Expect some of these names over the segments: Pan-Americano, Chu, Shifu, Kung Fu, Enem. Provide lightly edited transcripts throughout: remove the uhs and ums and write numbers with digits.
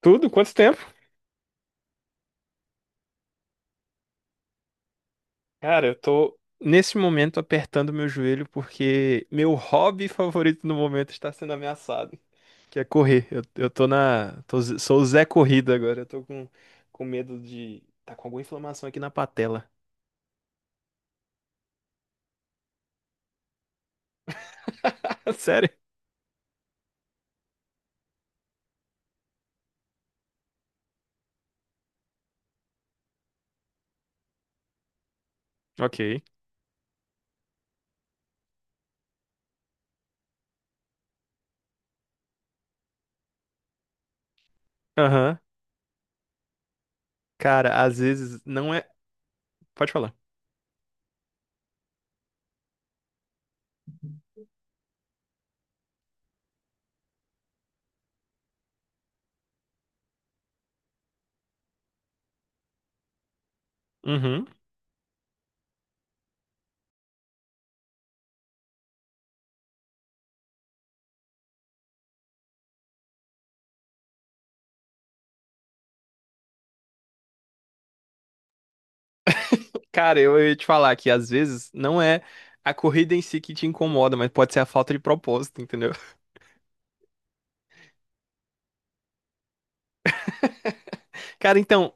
Tudo? Quanto tempo? Cara, eu tô nesse momento apertando meu joelho porque meu hobby favorito no momento está sendo ameaçado, que é correr. Eu tô na, tô- sou o Zé Corrida agora. Eu tô com medo de tá com alguma inflamação aqui na patela. Sério? Ok. Aham. Cara, às vezes não é. Pode falar. Uhum. Cara, eu ia te falar que às vezes não é a corrida em si que te incomoda, mas pode ser a falta de propósito, entendeu? Cara, então.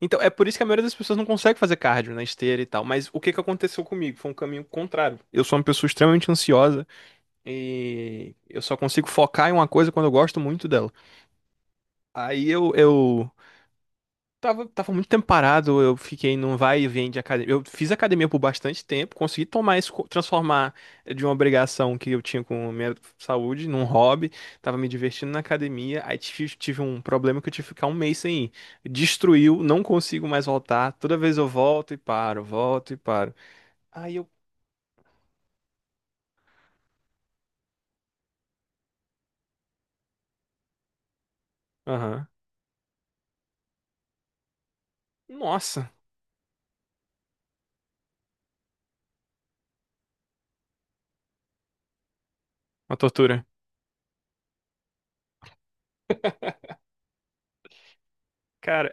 Então, é por isso que a maioria das pessoas não consegue fazer cardio na esteira e tal. Mas o que que aconteceu comigo? Foi um caminho contrário. Eu sou uma pessoa extremamente ansiosa e eu só consigo focar em uma coisa quando eu gosto muito dela. Aí eu. Tava muito tempo parado, eu fiquei num vai e vem de academia. Eu fiz academia por bastante tempo, consegui tomar isso, co- transformar de uma obrigação que eu tinha com a minha saúde num hobby. Tava me divertindo na academia, aí tive, tive um problema que eu tive que ficar um mês sem ir. Destruiu, não consigo mais voltar. Toda vez eu volto e paro, volto e paro. Aí eu. Aham. Nossa, uma tortura. Cara,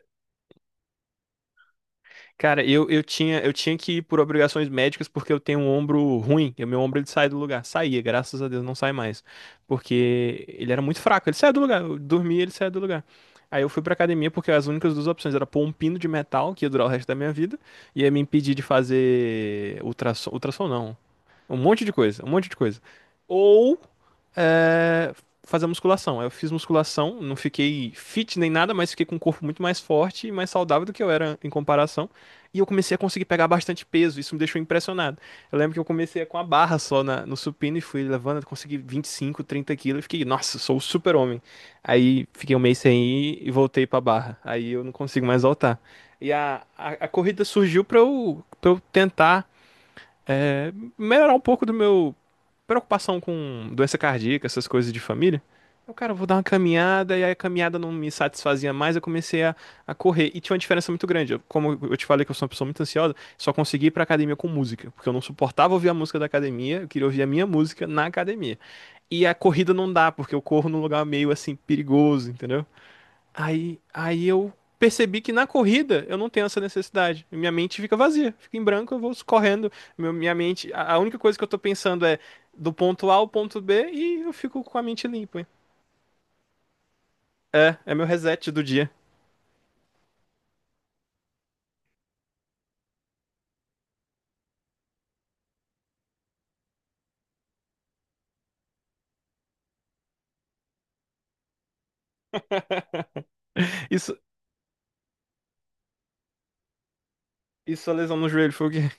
cara, eu tinha que ir por obrigações médicas porque eu tenho um ombro ruim. E o meu ombro ele sai do lugar. Saía, graças a Deus, não sai mais. Porque ele era muito fraco. Ele saía do lugar. Eu dormia, ele saía do lugar. Aí eu fui pra academia porque as únicas duas opções era pôr um pino de metal, que ia durar o resto da minha vida, e ia me impedir de fazer ultrassom, ultrassom não. Um monte de coisa, um monte de coisa. Ou é, fazer musculação. Eu fiz musculação, não fiquei fit nem nada, mas fiquei com um corpo muito mais forte e mais saudável do que eu era em comparação. E eu comecei a conseguir pegar bastante peso, isso me deixou impressionado. Eu lembro que eu comecei com a barra só na- no supino e fui levando, consegui 25, 30 quilos e fiquei, nossa, sou o super-homem. Aí fiquei um mês sem ir e voltei pra barra. Aí eu não consigo mais voltar. E a corrida surgiu pra eu tentar é, melhorar um pouco do meu preocupação com doença cardíaca, essas coisas de família. Eu, cara, eu vou dar uma caminhada, e aí a caminhada não me satisfazia mais, eu comecei a correr. E tinha uma diferença muito grande. Eu- como eu te falei que eu sou uma pessoa muito ansiosa, só consegui ir pra academia com música, porque eu não suportava ouvir a música da academia, eu queria ouvir a minha música na academia. E a corrida não dá, porque eu corro num lugar meio assim perigoso, entendeu? Aí eu percebi que na corrida eu não tenho essa necessidade. Minha mente fica vazia, fica em branco, eu vou correndo. Meu- minha mente, a única coisa que eu tô pensando é do ponto A ao ponto B e eu fico com a mente limpa. É, é meu reset do dia. Isso, isso a lesão no joelho foi o quê?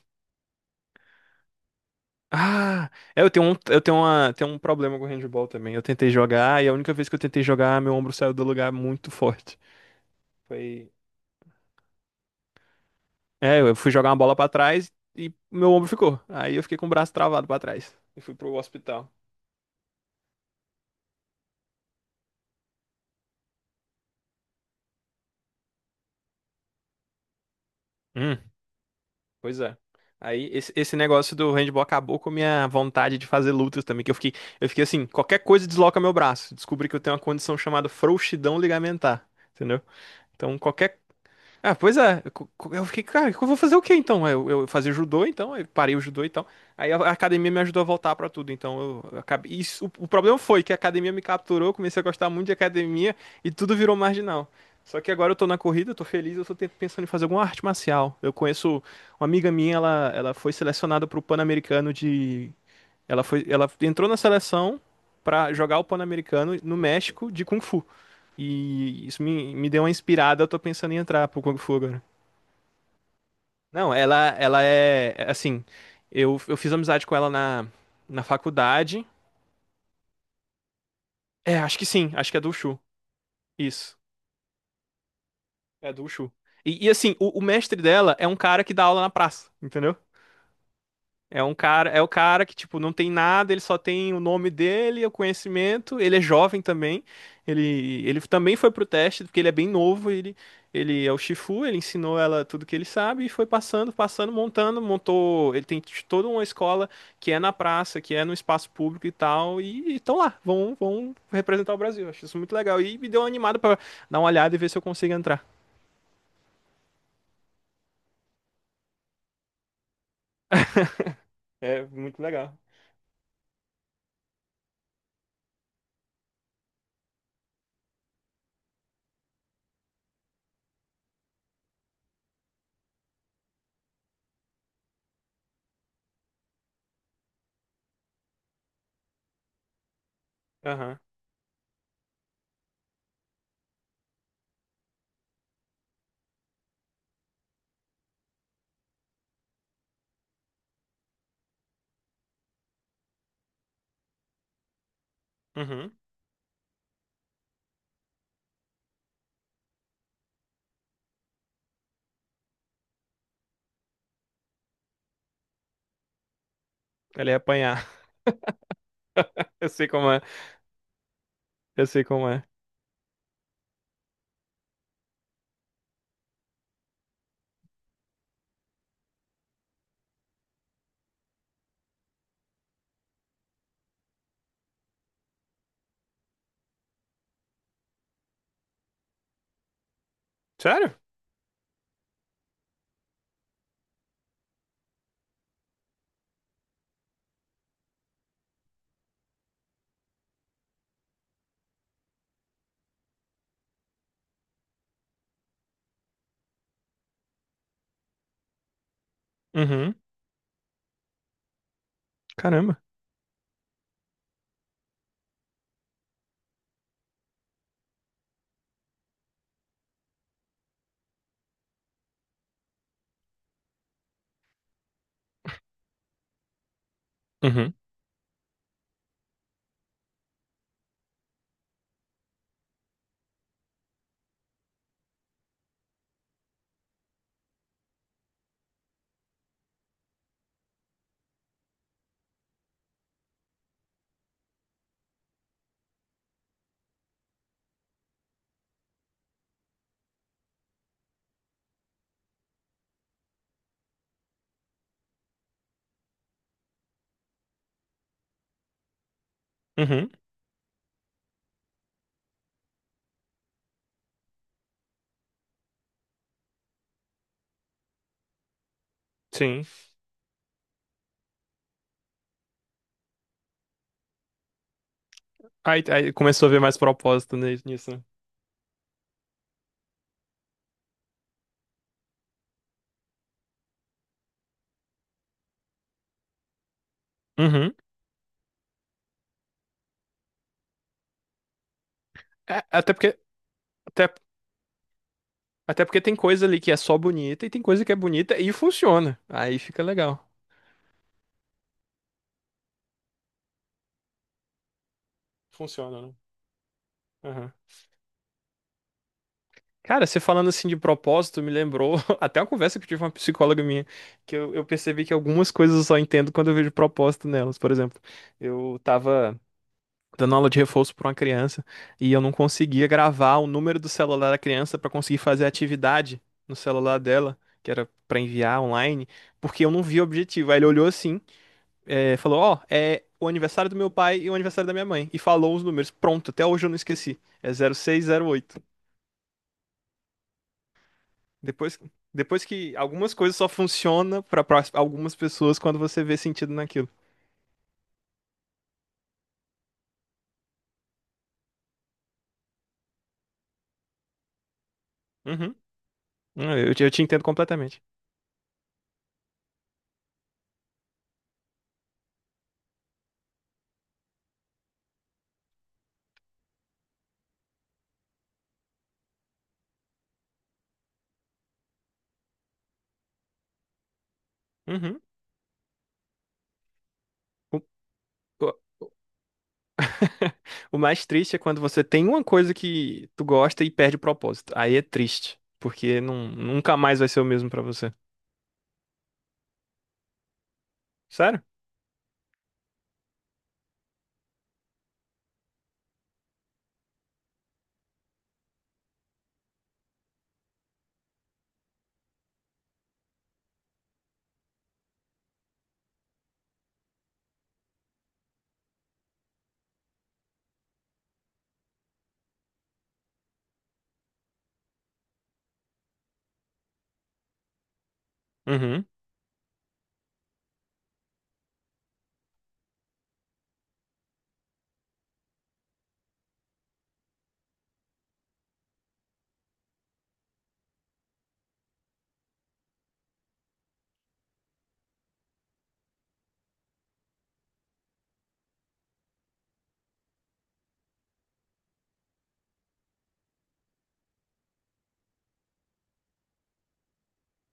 Ah, é, eu tenho um, eu tenho uma, tenho um problema com handball também. Eu tentei jogar e a única vez que eu tentei jogar, meu ombro saiu do lugar muito forte. Foi, é, eu fui jogar uma bola pra trás e meu ombro ficou. Aí eu fiquei com o braço travado pra trás e fui pro hospital. Hum, pois é. Aí esse negócio do handball acabou com a minha vontade de fazer lutas também, que eu fiquei assim, qualquer coisa desloca meu braço. Descobri que eu tenho uma condição chamada frouxidão ligamentar, entendeu? Então qualquer Ah, pois é. Eu co- co- eu fiquei, cara, eu vou fazer o quê então? Eu fazia judô, então, eu parei o judô então. Aí a academia me ajudou a voltar pra tudo, então eu acabei. Isso, o problema foi que a academia me capturou, eu comecei a gostar muito de academia e tudo virou marginal. Só que agora eu tô na corrida, eu tô feliz, eu tô te- pensando em fazer alguma arte marcial. Eu conheço uma amiga minha, ela foi selecionada pro Pan-Americano de. Ela foi, ela entrou na seleção pra jogar o Pan-Americano no México de Kung Fu. E isso me, me deu uma inspirada, eu tô pensando em entrar pro Kung Fu agora. Não, ela é, é assim, eu fiz amizade com ela na, na faculdade. É, acho que sim, acho que é do Chu. Isso, é do Chu. E assim, o mestre dela é um cara que dá aula na praça, entendeu? É um cara, é o cara que, tipo, não tem nada, ele só tem o nome dele, o conhecimento, ele é jovem também. Ele também foi pro teste, porque ele é bem novo, ele é o Shifu, ele ensinou ela tudo que ele sabe e foi passando, passando, montando, montou, ele tem t- toda uma escola que é na praça, que é no espaço público e tal, e estão lá, vão, vão representar o Brasil. Acho isso muito legal e me deu uma animada pra dar uma olhada e ver se eu consigo entrar. É muito legal. Aham. Uhum. Ele ia apanhar. Eu sei como é. Eu sei como é. Sério? Uhum. Caramba. Uhum. Uhum. Sim. Aí começou a ver mais propósito ni- nisso. Né? Uhum. É, até porque, até, até porque tem coisa ali que é só bonita e tem coisa que é bonita e funciona. Aí fica legal. Funciona, né? Uhum. Cara, você falando assim de propósito me lembrou até uma conversa que eu tive com uma psicóloga minha, que eu percebi que algumas coisas eu só entendo quando eu vejo propósito nelas. Por exemplo, eu tava dando aula de reforço para uma criança e eu não conseguia gravar o número do celular da criança para conseguir fazer a atividade no celular dela, que era para enviar online, porque eu não vi o objetivo. Aí ele olhou assim, falou: Ó, é o aniversário do meu pai e o aniversário da minha mãe, e falou os números. Pronto, até hoje eu não esqueci. É zero zero seis zero oito Depois. Depois que algumas coisas só funcionam para algumas pessoas quando você vê sentido naquilo. Uhum. Eu te entendo completamente. Uhum. O mais triste é quando você tem uma coisa que tu gosta e perde o propósito. Aí é triste, porque não, nunca mais vai ser o mesmo pra você. Sério? Uhum,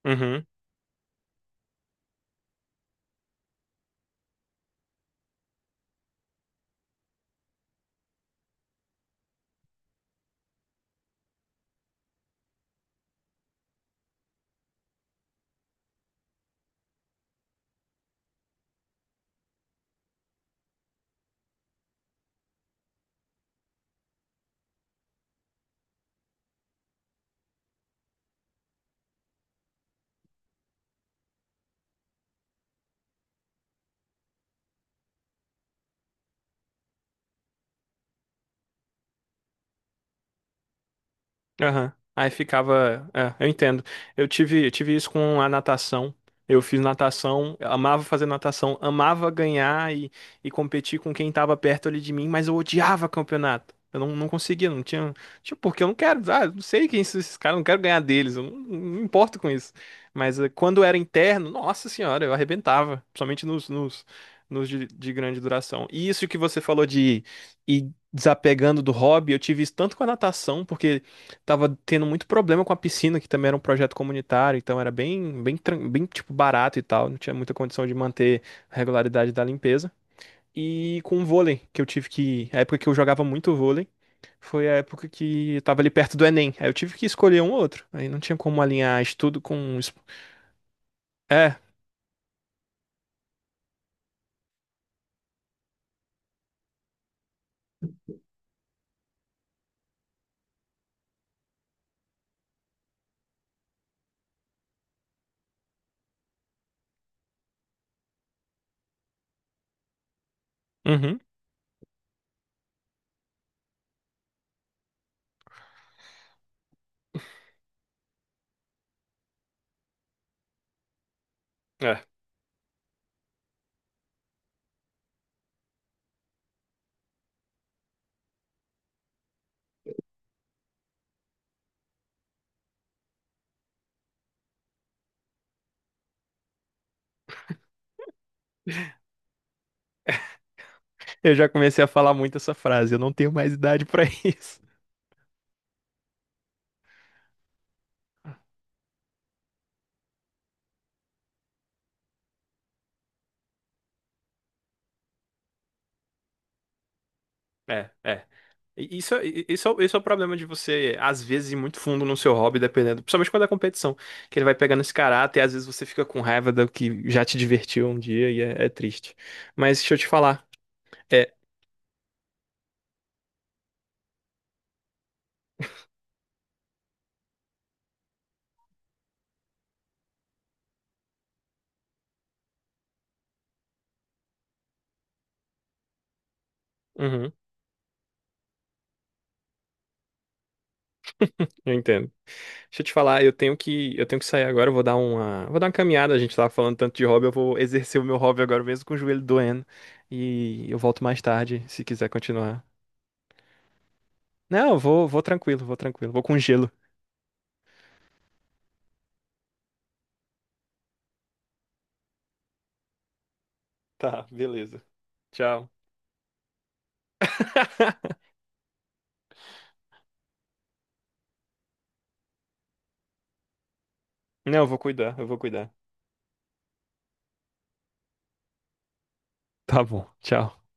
uhum. Aham. Aí ficava. É, eu entendo. Eu tive isso com a natação. Eu fiz natação, amava fazer natação, amava ganhar e competir com quem tava perto ali de mim, mas eu odiava campeonato. Eu não, não conseguia, não tinha. Tipo, porque eu não quero. Ah, eu não sei quem são esses caras, eu não quero ganhar deles, eu não, não me importo com isso. Mas quando era interno, nossa senhora, eu arrebentava, principalmente nos, nos, nos de grande duração. E isso que você falou de ir desapegando do hobby, eu tive isso tanto com a natação, porque tava tendo muito problema com a piscina, que também era um projeto comunitário, então era bem, bem, tran- bem tipo barato e tal, não tinha muita condição de manter a regularidade da limpeza. E com o vôlei, que eu tive que, a época que eu jogava muito vôlei, foi a época que eu tava ali perto do Enem. Aí eu tive que escolher um ou outro. Aí não tinha como alinhar estudo com es- É. Uhum. É. Eu já comecei a falar muito essa frase, eu não tenho mais idade pra isso. É, é. E- isso é o problema de você, às vezes, ir muito fundo no seu hobby, dependendo, principalmente quando é competição, que ele vai pegando esse caráter e às vezes você fica com raiva do que já te divertiu um dia e é, é triste. Mas deixa eu te falar, é, uhum, eu entendo. Deixa eu te falar, eu tenho que sair agora, eu vou dar uma caminhada, a gente tava falando tanto de hobby, eu vou exercer o meu hobby agora mesmo com o joelho doendo e eu volto mais tarde, se quiser continuar. Não, eu vou, vou tranquilo, vou tranquilo, vou com gelo. Tá, beleza. Tchau. Não, eu vou cuidar, eu vou cuidar. Tá bom, tchau.